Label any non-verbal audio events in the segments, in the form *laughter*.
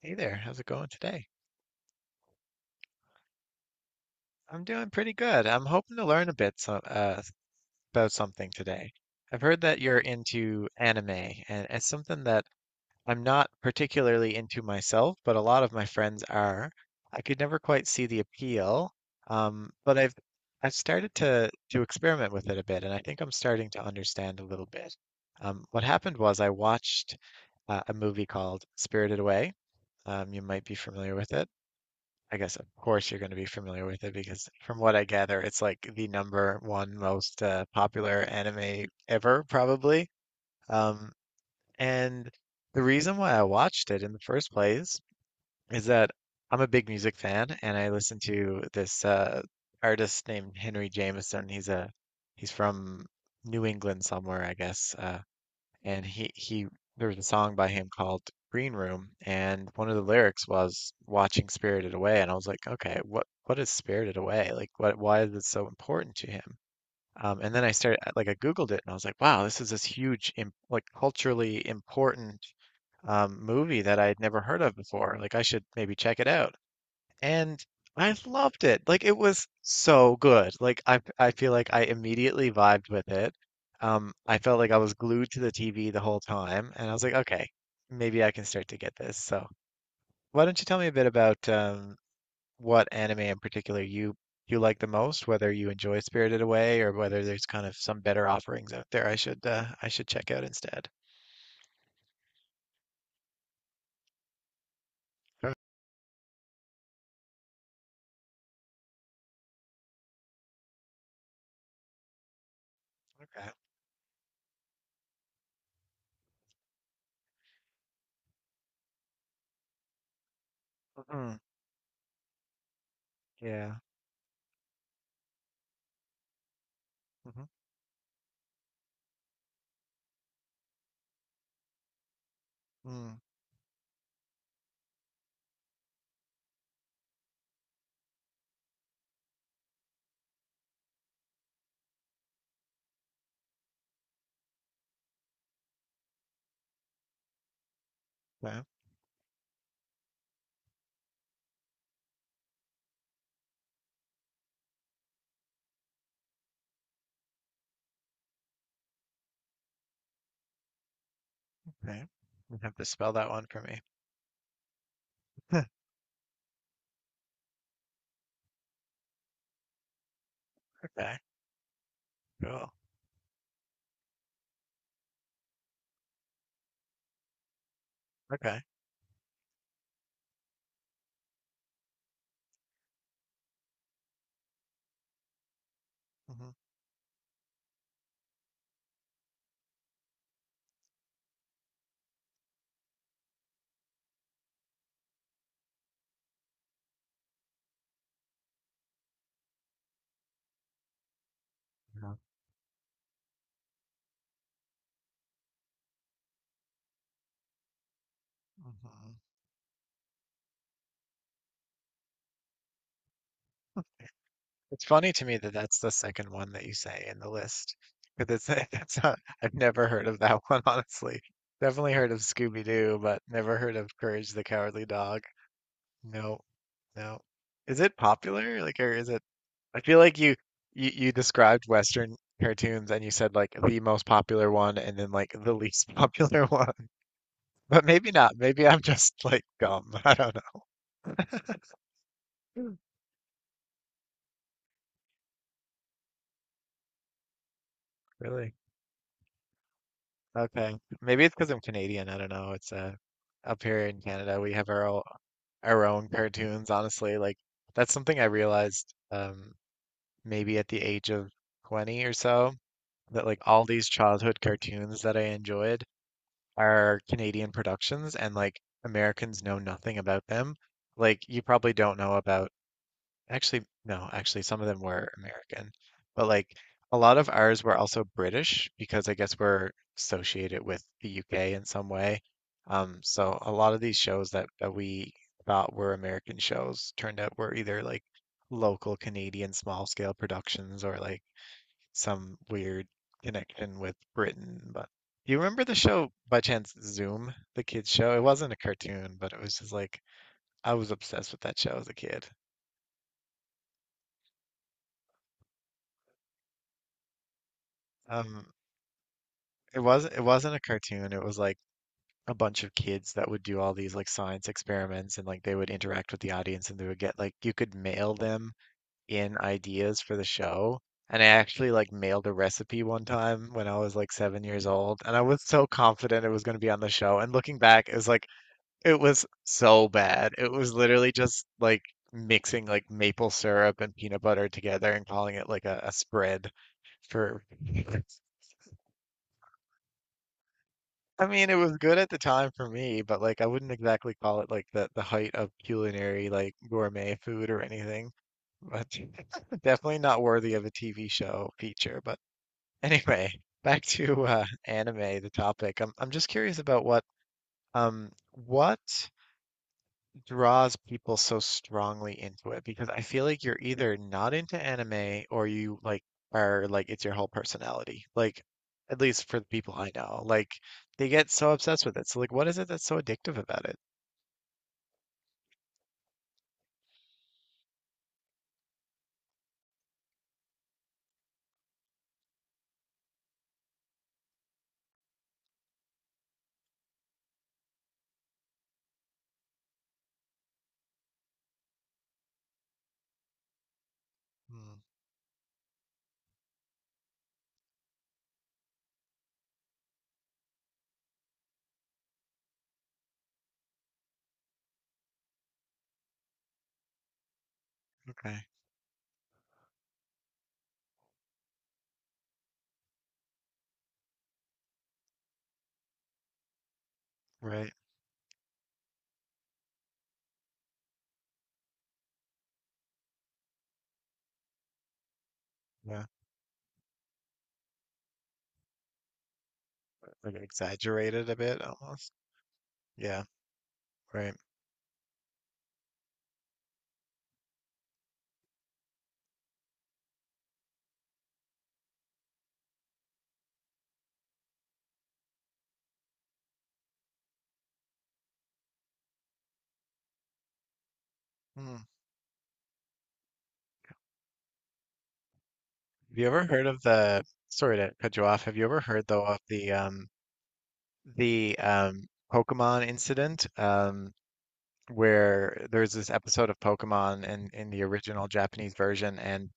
Hey there, how's it going today? I'm doing pretty good. I'm hoping to learn a bit about something today. I've heard that you're into anime, and it's something that I'm not particularly into myself, but a lot of my friends are. I could never quite see the appeal, but I've started to experiment with it a bit, and I think I'm starting to understand a little bit. What happened was I watched a movie called Spirited Away. You might be familiar with it. I guess of course you're going to be familiar with it because from what I gather, it's like the number one most popular anime ever, probably. Um, and the reason why I watched it in the first place is that I'm a big music fan and I listen to this artist named Henry Jameson. He's from New England somewhere, I guess. And he there was a song by him called Green Room, and one of the lyrics was watching Spirited Away, and I was like, okay, what is Spirited Away? Like, what why is it so important to him? And then I started like I Googled it, and I was like, wow, this is this huge im like culturally important movie that I had never heard of before. Like, I should maybe check it out. And I loved it. Like it was so good. Like I feel like I immediately vibed with it. I felt like I was glued to the TV the whole time, and I was like, okay, maybe I can start to get this. So why don't you tell me a bit about what anime in particular you like the most, whether you enjoy Spirited Away or whether there's kind of some better offerings out there I should check out instead. Oh, okay. Mhm. Yeah. Hmm. Mm. Okay. Okay. You have to spell that one for me. *laughs* Okay. Cool. Okay. Mhm. Yeah. Mhm. It's funny to me that that's the second one that you say in the list, because it's *laughs* that's not, I've never heard of that *laughs* one, honestly. Definitely heard of Scooby-Doo, but never heard of Courage the Cowardly Dog. No, no. Is it popular? Like, or is it? I feel like you described Western cartoons and you said like the most popular one and then like the least *laughs* popular one, but maybe not. Maybe I'm just like dumb. *laughs* I don't know. Really. Okay. Maybe it's because I'm Canadian. I don't know. It's up here in Canada, we have our own cartoons, honestly. Like that's something I realized maybe at the age of 20 or so that like all these childhood cartoons that I enjoyed are Canadian productions and like Americans know nothing about them. Like you probably don't know about actually, no, actually, some of them were American, but like a lot of ours were also British because I guess we're associated with the UK in some way. So a lot of these shows that we thought were American shows turned out were either like local Canadian small scale productions or like some weird connection with Britain. But do you remember the show by chance Zoom, the kids show? It wasn't a cartoon, but it was just like I was obsessed with that show as a kid. Um, it wasn't a cartoon. It was like a bunch of kids that would do all these like science experiments and like they would interact with the audience and they would get like you could mail them in ideas for the show. And I actually like mailed a recipe one time when I was like 7 years old, and I was so confident it was going to be on the show. And looking back, it was like it was so bad. It was literally just like mixing like maple syrup and peanut butter together and calling it like a spread for. *laughs* I mean, it was good at the time for me, but like I wouldn't exactly call it like the height of culinary like gourmet food or anything. But *laughs* definitely not worthy of a TV show feature. But *laughs* anyway, back to anime, the topic. I'm just curious about what draws people so strongly into it because I feel like you're either not into anime or you like are like it's your whole personality. Like at least for the people I know, like they get so obsessed with it. So like what is it that's so addictive about it? Mm, okay. Right. Yeah. Like exaggerated a bit almost. Yeah, right. Mm. Have you ever heard of sorry to cut you off. Have you ever heard though of the Pokemon incident? Um, where there's this episode of Pokemon in the original Japanese version, and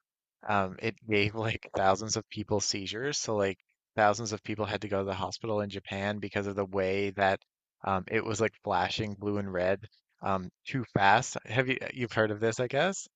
it gave *laughs* like thousands of people seizures. So like thousands of people had to go to the hospital in Japan because of the way that it was like flashing blue and red too fast. Have you've heard of this, I guess?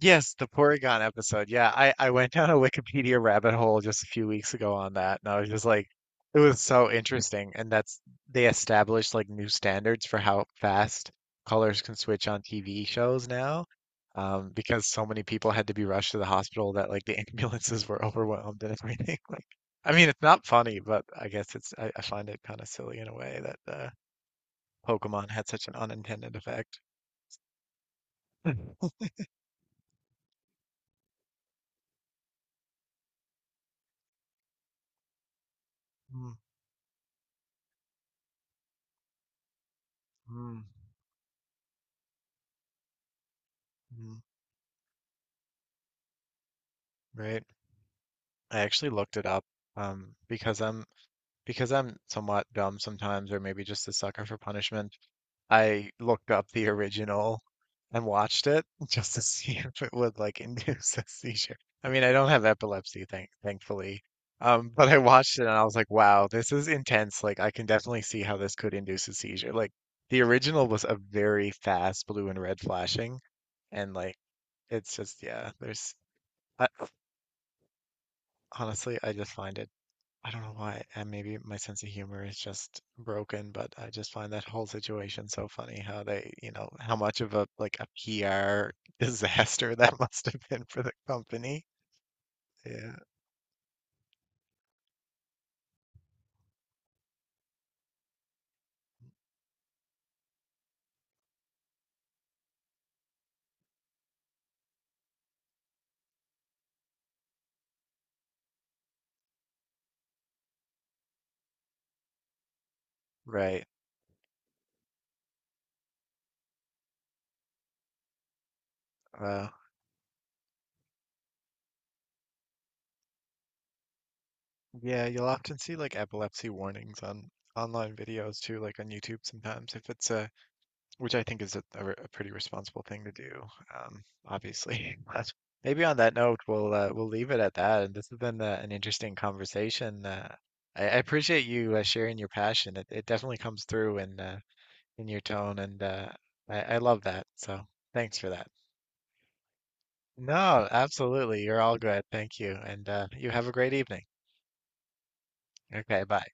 Yes, the Porygon episode. Yeah, I went down a Wikipedia rabbit hole just a few weeks ago on that, and I was just like, it was so interesting. And that's they established like new standards for how fast colors can switch on TV shows now, because so many people had to be rushed to the hospital that like the *laughs* ambulances were overwhelmed and everything. *laughs* Like, I mean, it's not funny, but I guess it's I find it kind of silly in a way that Pokemon had such an unintended effect. *laughs* Mm, mm, mm, right. I actually looked it up because I'm somewhat dumb sometimes, or maybe just a sucker for punishment. I looked up the original and watched it *laughs* just to see if it would like *laughs* induce a seizure. I mean, I don't have epilepsy, thankfully. But I watched it and I was like, wow, this is intense. Like, I can definitely see how this could induce a seizure. Like, the original was a very fast blue and red flashing, and like, it's just yeah. There's I, honestly, I just find it. I don't know why, and maybe my sense of humor is just broken, but I just find that whole situation so funny how they, how much of a like a PR *laughs* disaster that must have been for the company. Yeah, right. Uh, yeah, you'll often see like epilepsy warnings on online videos too, like on YouTube sometimes if it's a which I think is a pretty responsible thing to do. Obviously, *laughs* but maybe on that note, we'll leave it at that. And this has been an interesting conversation. I appreciate you sharing your passion. It definitely comes through in your tone, and I love that. So thanks for that. No, absolutely. You're all good. Thank you, and you have a great evening. Okay, bye.